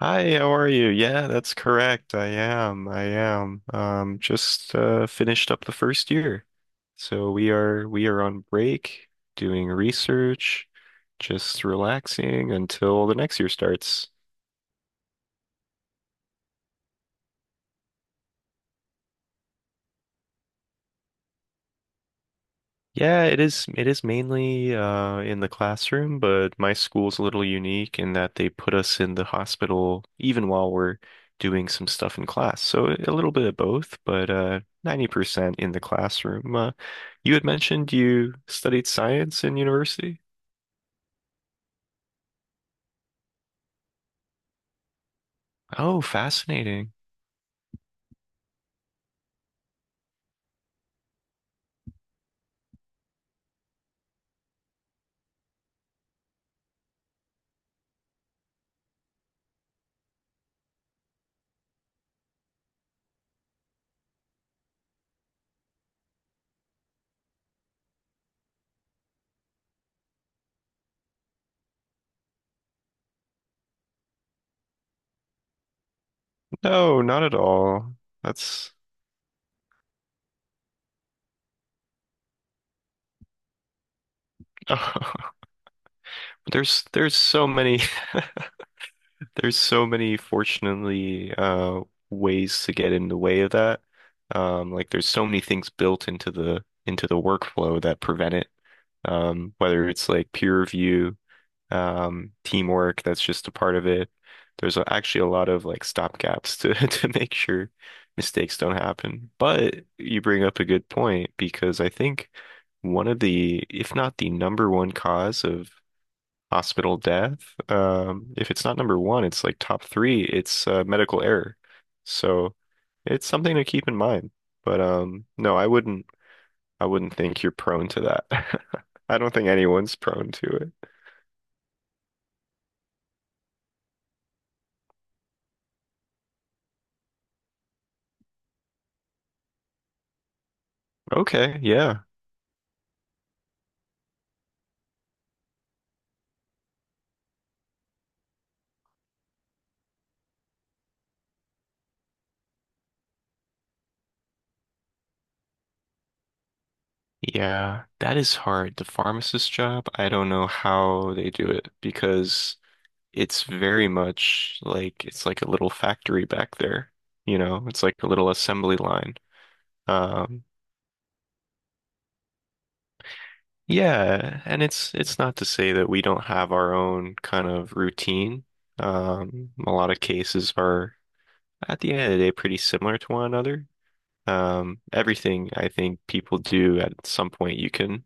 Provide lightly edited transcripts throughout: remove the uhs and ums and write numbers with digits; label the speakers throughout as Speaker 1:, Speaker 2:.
Speaker 1: Hi, how are you? Yeah, that's correct. I am. I am. Just Finished up the first year. So we are on break, doing research, just relaxing until the next year starts. Yeah, it is mainly in the classroom, but my school's a little unique in that they put us in the hospital even while we're doing some stuff in class. So a little bit of both, but 90% in the classroom. You had mentioned you studied science in university? Oh, fascinating. No, not at all. That's there's so many. There's so many, fortunately, ways to get in the way of that. Like there's so many things built into the workflow that prevent it. Whether it's like peer review, teamwork, that's just a part of it. There's actually a lot of like stopgaps to to make sure mistakes don't happen. But you bring up a good point because I think one of the, if not the number one cause of hospital death. If it's not number one, it's like top three. It's medical error. So it's something to keep in mind. But no, I wouldn't. I wouldn't think you're prone to that. I don't think anyone's prone to it. Okay, yeah. Yeah, that is hard. The pharmacist job, I don't know how they do it because it's very much like it's like a little factory back there. You know, it's like a little assembly line. Um, Yeah, and it's not to say that we don't have our own kind of routine. A lot of cases are at the end of the day pretty similar to one another. Everything I think people do at some point you can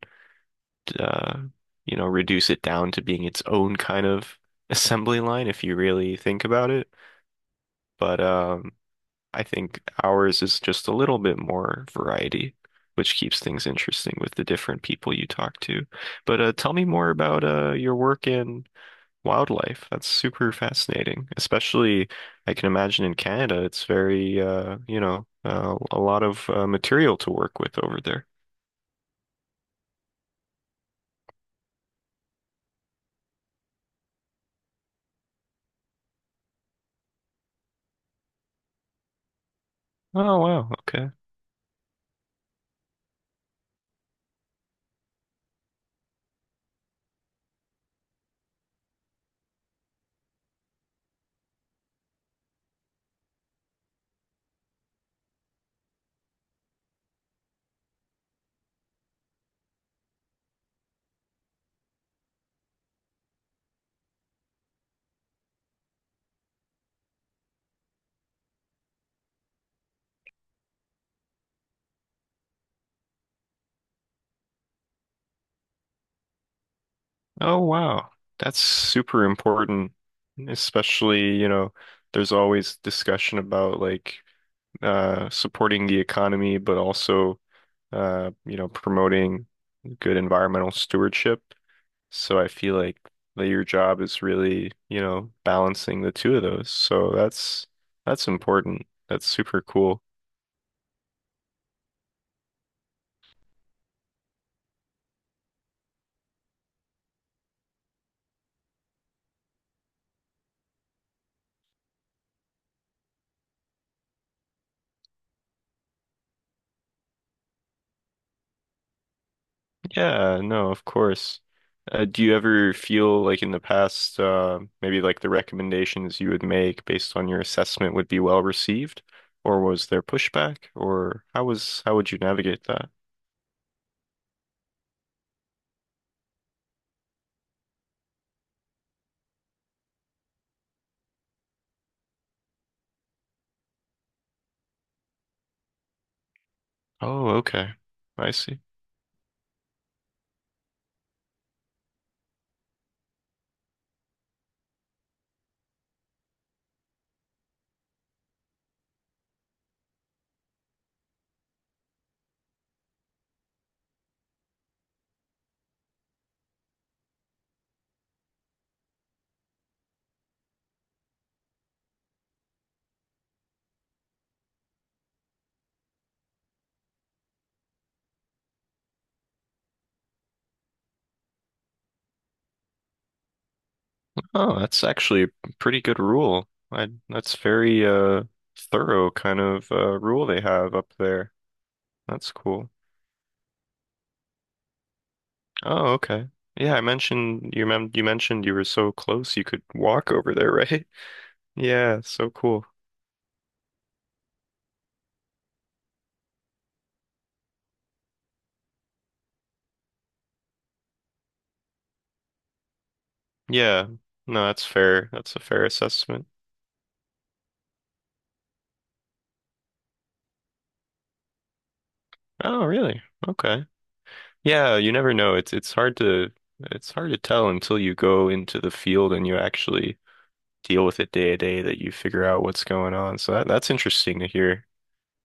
Speaker 1: uh, you know, reduce it down to being its own kind of assembly line if you really think about it. But I think ours is just a little bit more variety, which keeps things interesting with the different people you talk to. But tell me more about your work in wildlife. That's super fascinating. Especially, I can imagine in Canada, it's very, you know, a lot of material to work with over there. Oh, wow. Okay. Oh, wow. That's super important, especially, you know, there's always discussion about like supporting the economy, but also you know, promoting good environmental stewardship. So I feel like that your job is really, you know, balancing the two of those. So that's important. That's super cool. Yeah, no, of course. Do you ever feel like in the past, maybe like the recommendations you would make based on your assessment would be well received, or was there pushback, or how would you navigate that? Oh, okay. I see. Oh, that's actually a pretty good rule. I that's very thorough kind of rule they have up there. That's cool. Oh, okay. Yeah, I mentioned you mentioned you were so close you could walk over there, right? Yeah, so cool. Yeah. No, that's fair. That's a fair assessment. Oh, really? Okay. Yeah, you never know. It's hard to tell until you go into the field and you actually deal with it day to day that you figure out what's going on. So that's interesting to hear.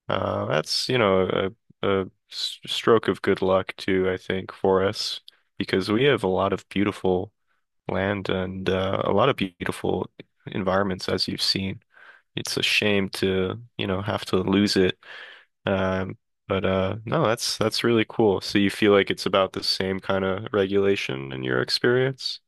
Speaker 1: That's, you know, a stroke of good luck too, I think, for us because we have a lot of beautiful land and a lot of beautiful environments, as you've seen. It's a shame to, you know, have to lose it. Um, but No, that's really cool. So you feel like it's about the same kind of regulation in your experience?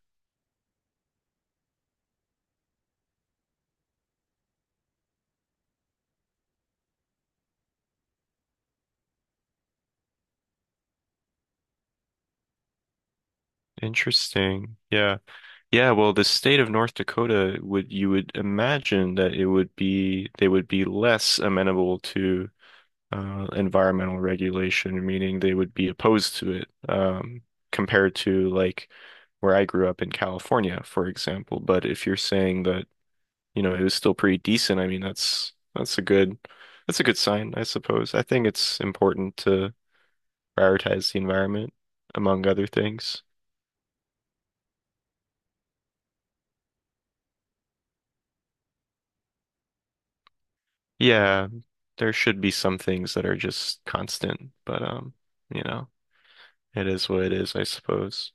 Speaker 1: Interesting. Yeah. Yeah, well, the state of North Dakota would you would imagine that it would be they would be less amenable to environmental regulation, meaning they would be opposed to it compared to like where I grew up in California, for example. But if you're saying that, you know, it was still pretty decent, I mean, that's a good sign, I suppose. I think it's important to prioritize the environment among other things. Yeah, there should be some things that are just constant, but you know, it is what it is, I suppose.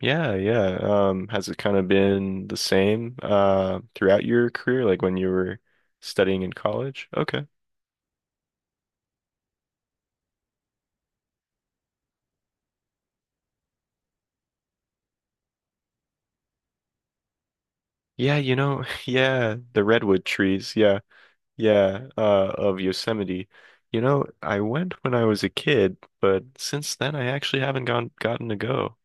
Speaker 1: Yeah, yeah. Has it kind of been the same throughout your career, like when you were studying in college? Okay. Yeah, you know, yeah, the redwood trees, yeah, yeah, of Yosemite. You know, I went when I was a kid, but since then I actually haven't gone gotten to go.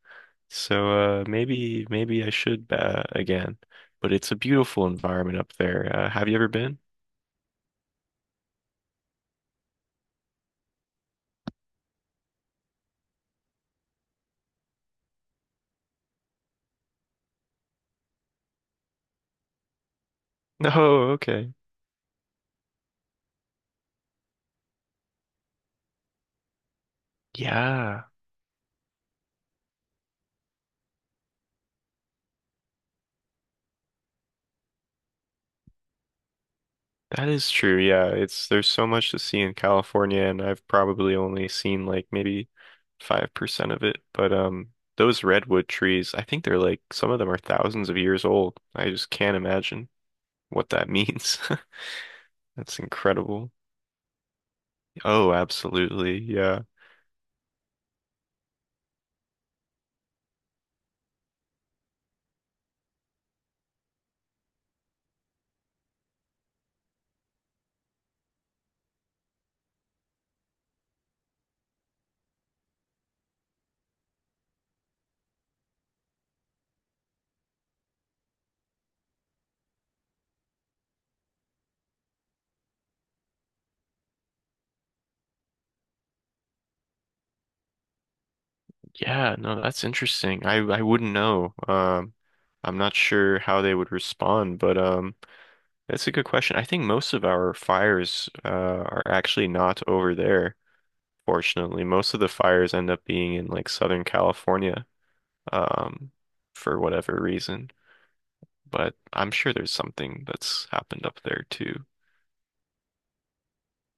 Speaker 1: So uh, maybe I should again, but it's a beautiful environment up there. Have you ever been? No, okay. Yeah, that is true. Yeah, it's there's so much to see in California, and I've probably only seen like maybe 5% of it. But those redwood trees, I think they're like some of them are thousands of years old. I just can't imagine what that means. That's incredible. Oh, absolutely. Yeah. Yeah, no, that's interesting. I wouldn't know. I'm not sure how they would respond, but that's a good question. I think most of our fires are actually not over there, fortunately. Most of the fires end up being in like Southern California, um, for whatever reason. But I'm sure there's something that's happened up there too.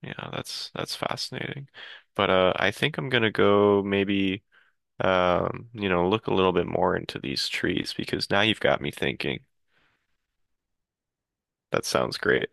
Speaker 1: Yeah, that's fascinating. But I think I'm gonna go maybe. You know, look a little bit more into these trees because now you've got me thinking. That sounds great.